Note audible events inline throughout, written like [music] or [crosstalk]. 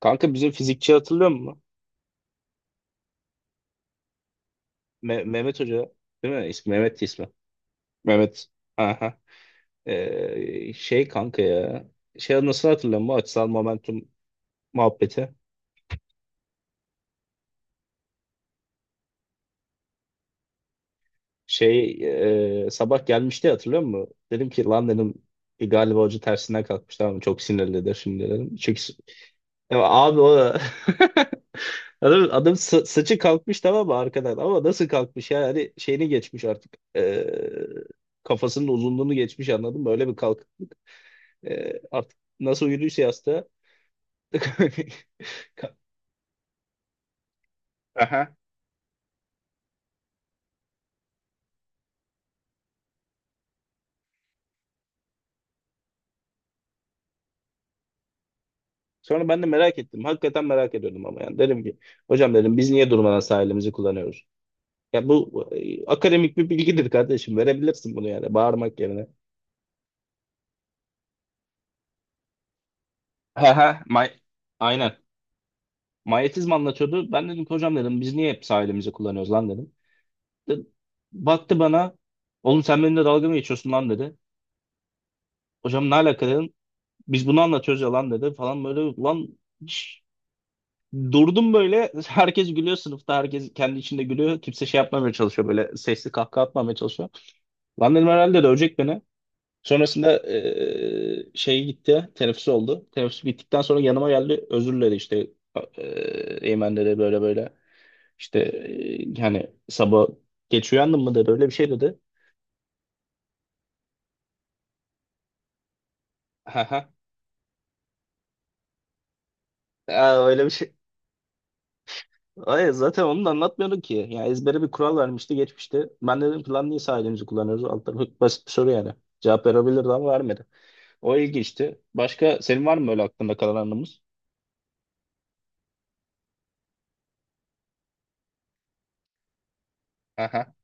Kanka bizim fizikçi hatırlıyor musun? Mehmet Hoca değil mi? İsmi Mehmet'ti ismi. Mehmet. Aha. Şey kanka ya. Şey nasıl hatırlıyor musun? Açısal momentum muhabbeti. Şey sabah gelmişti hatırlıyor musun? Dedim ki lan dedim, "Bir galiba hoca tersinden kalkmış, tamam mı? Çok sinirlidir şimdi," dedim. Çünkü ya abi o [laughs] adam saçı kalkmış tamam mı arkadan, ama nasıl kalkmış, yani şeyini geçmiş artık. Kafasının uzunluğunu geçmiş, anladın mı? Öyle bir kalk. Artık nasıl uyuduysa yastığa. [laughs] Aha. Sonra ben de merak ettim. Hakikaten merak ediyordum ama yani. Dedim ki hocam dedim biz niye durmadan sahilimizi kullanıyoruz? Ya bu akademik bir bilgidir kardeşim. Verebilirsin bunu yani bağırmak yerine. He he. May. Aynen. Manyetizma anlatıyordu. Ben dedim ki hocam dedim biz niye hep sahilimizi kullanıyoruz lan dedim. De-. Baktı bana. Oğlum sen benimle dalga mı geçiyorsun lan dedi. Hocam ne alaka dedim. Biz bunu anlatıyoruz ya lan dedi falan böyle lan. Durdum böyle. [laughs] Herkes gülüyor sınıfta. Herkes kendi içinde gülüyor. Kimse şey yapmamaya çalışıyor. Böyle sesli kahkaha atmamaya çalışıyor. Lan dedim herhalde dövecek beni. Sonrasında şey gitti. Teneffüs oldu. Teneffüs bittikten sonra yanıma geldi. Özür diledi işte. Eymen dedi böyle böyle. İşte yani sabah geç uyandın mı dedi. Öyle bir şey dedi. Ha ha. Aa, öyle bir şey. Hayır zaten onu da anlatmıyorduk ki. Yani ezbere bir kural vermişti geçmişte. Ben dedim ki lan niye sağ elimizi kullanıyoruz? Alt tarafı basit bir soru yani. Cevap verebilirdi ama vermedi. O ilginçti. Başka senin var mı öyle aklında kalan anımız? Aha.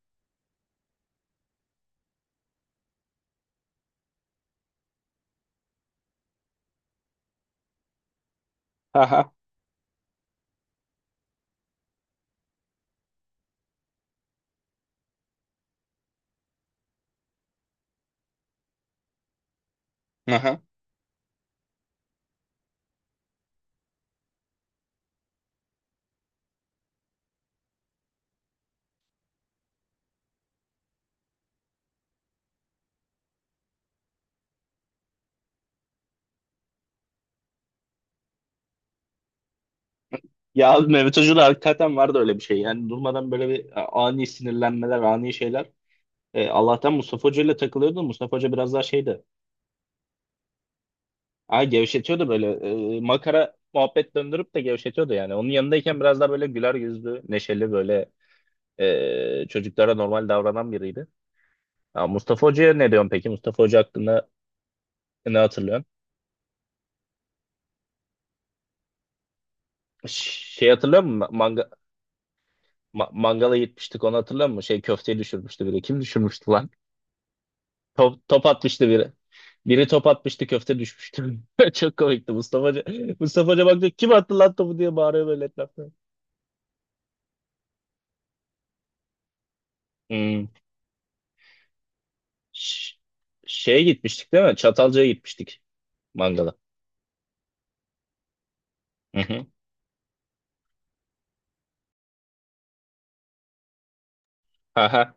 Aha. Aha. Ya abi Mehmet Hoca'da hakikaten vardı öyle bir şey. Yani durmadan böyle bir ani sinirlenmeler, ani şeyler. Allah'tan Mustafa Hoca ile takılıyordu. Mustafa Hoca biraz daha şeydi. Ha, gevşetiyordu böyle. Makara muhabbet döndürüp de gevşetiyordu yani. Onun yanındayken biraz daha böyle güler yüzlü, neşeli böyle çocuklara normal davranan biriydi. Ha, Mustafa Hoca'ya ne diyorsun peki? Mustafa Hoca hakkında ne hatırlıyorsun? Şey hatırlıyor musun? Manga, mangala gitmiştik, onu hatırlıyor musun? Şey köfteyi düşürmüştü biri. Kim düşürmüştü lan? Top atmıştı biri. Biri top atmıştı köfte düşmüştü. [laughs] Çok komikti Mustafa Hoca. Mustafa Hoca baktı kim attı lan topu diye bağırıyor böyle etrafta. Hmm. Ş- Şeye gitmiştik değil mi? Çatalca'ya gitmiştik mangala. Hı hı. Aha.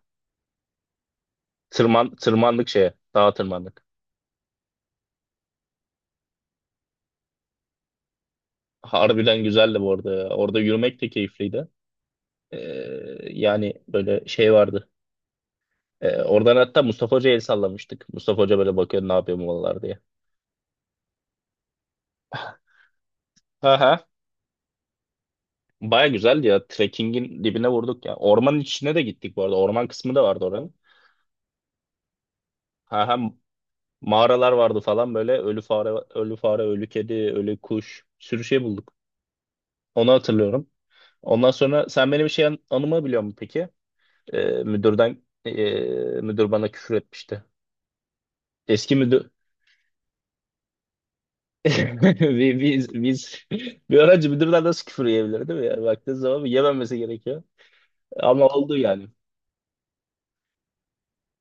Tırmandık şeye. Dağa tırmandık. Harbiden güzeldi bu arada, ya. Orada yürümek de keyifliydi. Ee, Yani böyle şey vardı. Oradan hatta Mustafa Hoca'ya el sallamıştık. Mustafa Hoca böyle bakıyor ne yapıyor bu diye. [laughs] Aha. Baya güzeldi ya. Trekkingin dibine vurduk ya. Ormanın içine de gittik bu arada. Orman kısmı da vardı oranın. Aha. Mağaralar vardı falan böyle. Ölü fare, ölü kedi, ölü kuş. Bir sürü şey bulduk. Onu hatırlıyorum. Ondan sonra sen benim şey anımı biliyor musun peki? Ee, müdürden ee, Müdür bana küfür etmişti. Eski müdür. [laughs] biz, biz bir öğrenci, müdürler nasıl küfür yiyebilir değil mi? Yani baktığın zaman yememesi gerekiyor. Ama oldu yani.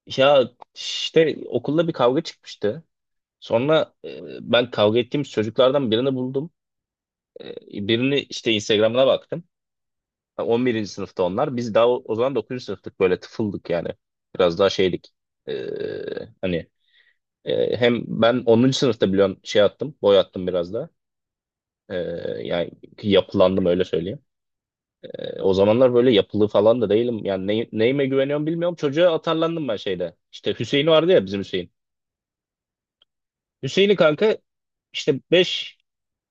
Ya işte okulda bir kavga çıkmıştı. Sonra ben kavga ettiğim çocuklardan birini buldum. Birini işte Instagram'ına baktım. On birinci sınıfta onlar. Biz daha o zaman dokuzuncu sınıftık, böyle tıfıldık yani. Biraz daha şeydik. E, hani Hem ben onuncu sınıfta biliyorum şey attım. Boy attım biraz da. E, Yani yapılandım öyle söyleyeyim. O zamanlar böyle yapılı falan da değilim. Yani neyime güveniyorum bilmiyorum. Çocuğa atarlandım ben şeyde. İşte Hüseyin vardı ya bizim Hüseyin. Hüseyin'i kanka işte beş,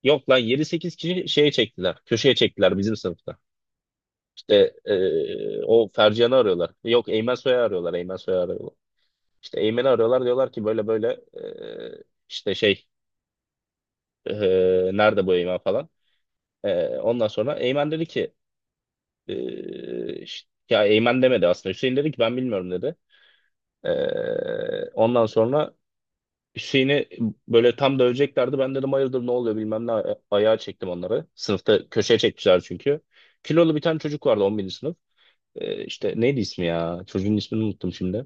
yok lan yedi sekiz kişi şeye çektiler. Köşeye çektiler bizim sınıfta. İşte o Fercihan'ı arıyorlar. Yok Eymen Soy'u arıyorlar. İşte Eymen'i arıyorlar, diyorlar ki böyle böyle, işte şey e, nerede bu Eymen falan. Ondan sonra Eymen dedi ki ya Eymen demedi aslında. Hüseyin dedi ki ben bilmiyorum dedi. Ondan sonra Hüseyin'i böyle tam döveceklerdi. Ben dedim hayırdır ne oluyor bilmem ne. Ayağa çektim onları. Sınıfta köşeye çekmişler çünkü. Kilolu bir tane çocuk vardı on birinci sınıf. İşte neydi ismi ya? Çocuğun ismini unuttum şimdi.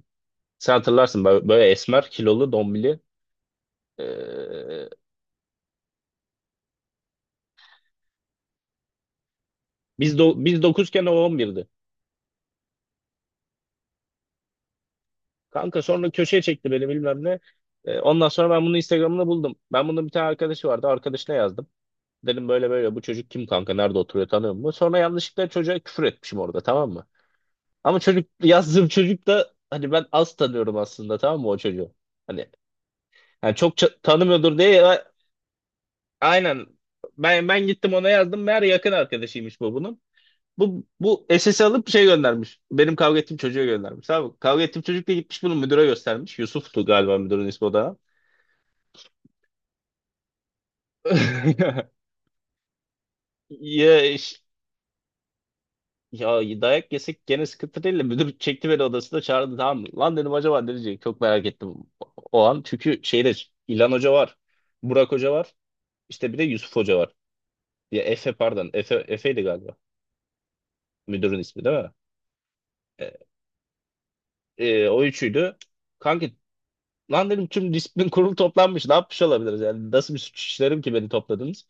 Sen hatırlarsın böyle, böyle esmer, kilolu, dombili. Ee, Biz 9'ken o 11'di. Kanka sonra köşeye çekti beni bilmem ne. Ondan sonra ben bunu Instagram'da buldum. Ben bunun bir tane arkadaşı vardı. Arkadaşına yazdım. Dedim böyle böyle bu çocuk kim kanka, nerede oturuyor, tanıyor mu? Sonra yanlışlıkla çocuğa küfür etmişim orada tamam mı? Ama çocuk [laughs] yazdığım çocuk da hani ben az tanıyorum aslında tamam mı o çocuğu? Hani yani çok tanımıyordur diye ya-. Aynen, ben gittim ona yazdım meğer yakın arkadaşıymış bunun. Bu SS'i alıp şey göndermiş. Benim kavga ettiğim çocuğa göndermiş. Tamam mı? Kavga ettiğim çocuk da gitmiş bunu müdüre göstermiş. Yusuf'tu galiba müdürün ismi o da. [laughs] Ya, ya dayak yesek gene sıkıntı değil de müdür çekti beni odasına çağırdı tamam mı? Lan dedim acaba ne diyecek? Çok merak ettim o an. Çünkü şeyde İlhan Hoca var. Burak Hoca var. İşte bir de Yusuf Hoca var. Ya Efe pardon. Efe'ydi galiba. Müdürün ismi değil mi? E, O üçüydü. Kanki lan dedim tüm disiplin kurulu toplanmış. Ne yapmış olabiliriz? Yani nasıl bir suç işlerim ki beni topladınız?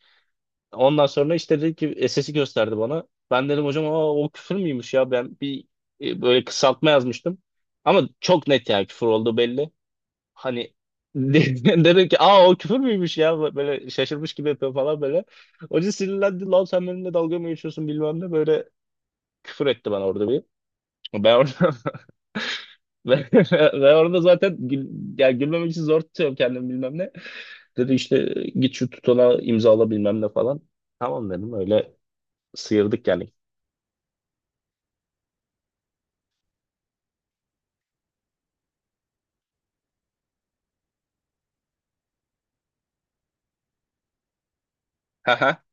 Ondan sonra işte dedi ki sesi gösterdi bana. Ben dedim hocam aa, o küfür müymüş ya ben bir böyle kısaltma yazmıştım. Ama çok net yani küfür olduğu belli. Hani [laughs] dedim ki aa o küfür müymüş ya, böyle şaşırmış gibi yapıyor falan böyle. Hoca sinirlendi, lan sen benimle dalga mı geçiyorsun bilmem ne böyle, küfür etti bana orada bir. Ben orada [laughs] ben ben orada zaten yani gülmemek için zor tutuyorum kendimi bilmem ne. Dedi işte git şu tutana imzala bilmem ne falan. Tamam dedim, öyle sıyırdık yani. Aha.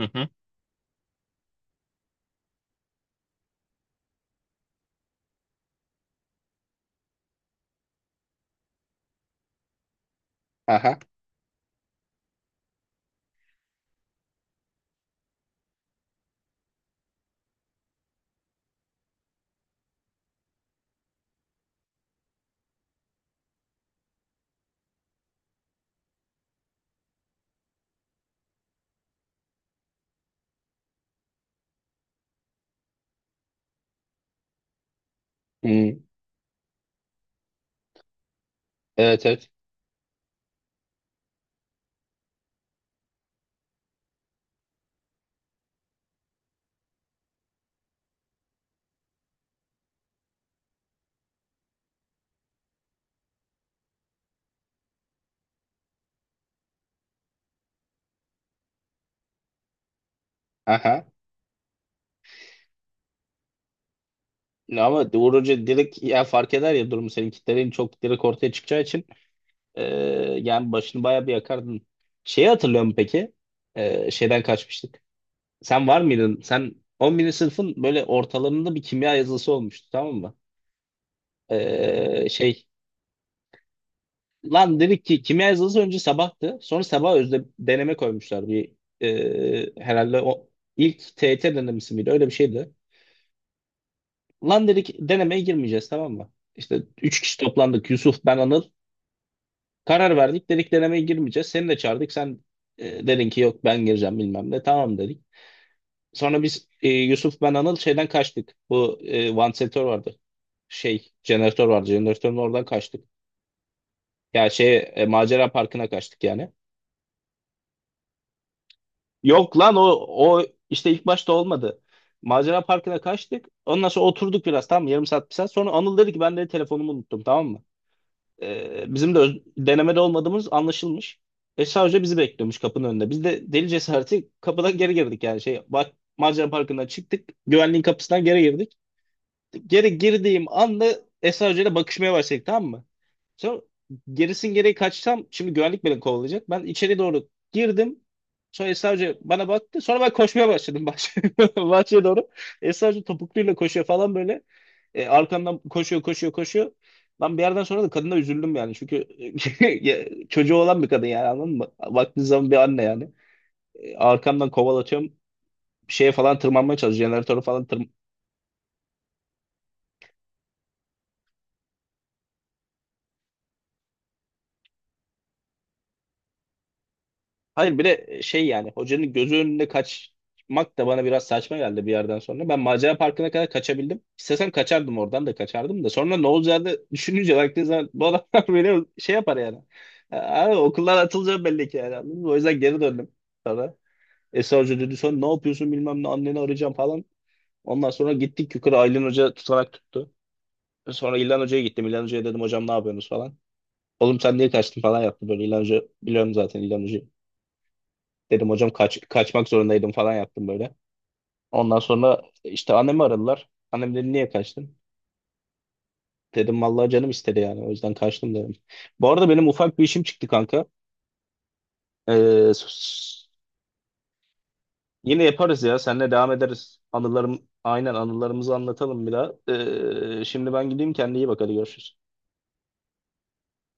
Hı hı. Aha. Hmm. Evet evet. Aha. Ya ama Uğur Hoca direkt ya fark eder ya durumu, senin kitlerin çok direkt ortaya çıkacağı için e, yani başını bayağı bir yakardın. Şeyi hatırlıyor musun peki? Şeyden kaçmıştık. Sen var mıydın? Sen 11. sınıfın böyle ortalarında bir kimya yazılısı olmuştu tamam mı? Şey lan dedik ki kimya yazılısı önce sabahtı. Sonra sabah özde deneme koymuşlar. Herhalde o ilk TYT denemesi miydi? Öyle bir şeydi. Lan dedik denemeye girmeyeceğiz tamam mı? İşte üç kişi toplandık, Yusuf, ben, Anıl. Karar verdik, dedik denemeye girmeyeceğiz. Seni de çağırdık, sen dedin ki yok ben gireceğim bilmem ne, tamam dedik. Sonra biz Yusuf, ben, Anıl şeyden kaçtık. Bu e, vantilatör vardı. Şey jeneratör vardı, jeneratörün oradan kaçtık. Ya şey macera parkına kaçtık yani. Yok lan o işte ilk başta olmadı. Macera parkına kaçtık. Ondan sonra oturduk biraz tamam mı? Yarım saat, bir saat. Sonra Anıl dedi ki ben de telefonumu unuttum tamam mı? Bizim de denemede olmadığımız anlaşılmış. E sadece bizi bekliyormuş kapının önünde. Biz de deli cesareti kapıdan geri girdik yani şey bak Macar Parkı'ndan çıktık. Güvenliğin kapısından geri girdik. Geri girdiğim anda Esra Hoca ile bakışmaya başladık tamam mı? Sonra gerisin geriye kaçsam şimdi güvenlik beni kovalayacak. Ben içeri doğru girdim. Sonra Esra Hoca bana baktı. Sonra ben koşmaya başladım [laughs] bahçeye doğru. Esra Hoca topukluyla koşuyor falan böyle. Arkandan koşuyor. Ben bir yerden sonra da kadına üzüldüm yani. Çünkü [laughs] ya, çocuğu olan bir kadın yani anladın mı? Baktığın zaman bir anne yani. Arkamdan kovalatıyorum. Bir şeye falan tırmanmaya çalışıyor. Jeneratöre falan tırm. Hayır bir de şey yani hocanın gözü önünde kaçmak da bana biraz saçma geldi bir yerden sonra. Ben macera parkına kadar kaçabildim. İstesem kaçardım oradan da kaçardım da. Sonra ne olacağını düşününce baktığın zaman bu adamlar [laughs] beni şey yapar yani. Abi, okuldan atılacağım belli ki yani, anladın mı? O yüzden geri döndüm sonra. Esra Hoca dedi sonra ne yapıyorsun bilmem ne anneni arayacağım falan. Ondan sonra gittik yukarı, Aylin Hoca tutanak tuttu. Sonra İlhan Hoca'ya gittim. İlhan Hoca'ya dedim hocam ne yapıyorsunuz falan. Oğlum sen niye kaçtın falan yaptı böyle. İlhan Hoca biliyorum zaten İlhan Hoca'yı. Dedim hocam kaçmak zorundaydım falan yaptım böyle. Ondan sonra işte annemi aradılar. Annem dedi niye kaçtın? Dedim vallahi canım istedi yani o yüzden kaçtım dedim. Bu arada benim ufak bir işim çıktı kanka. Ee, Yine yaparız ya. Seninle devam ederiz. Aynen anılarımızı anlatalım bir daha. Şimdi ben gideyim. Kendine iyi bak. Hadi görüşürüz.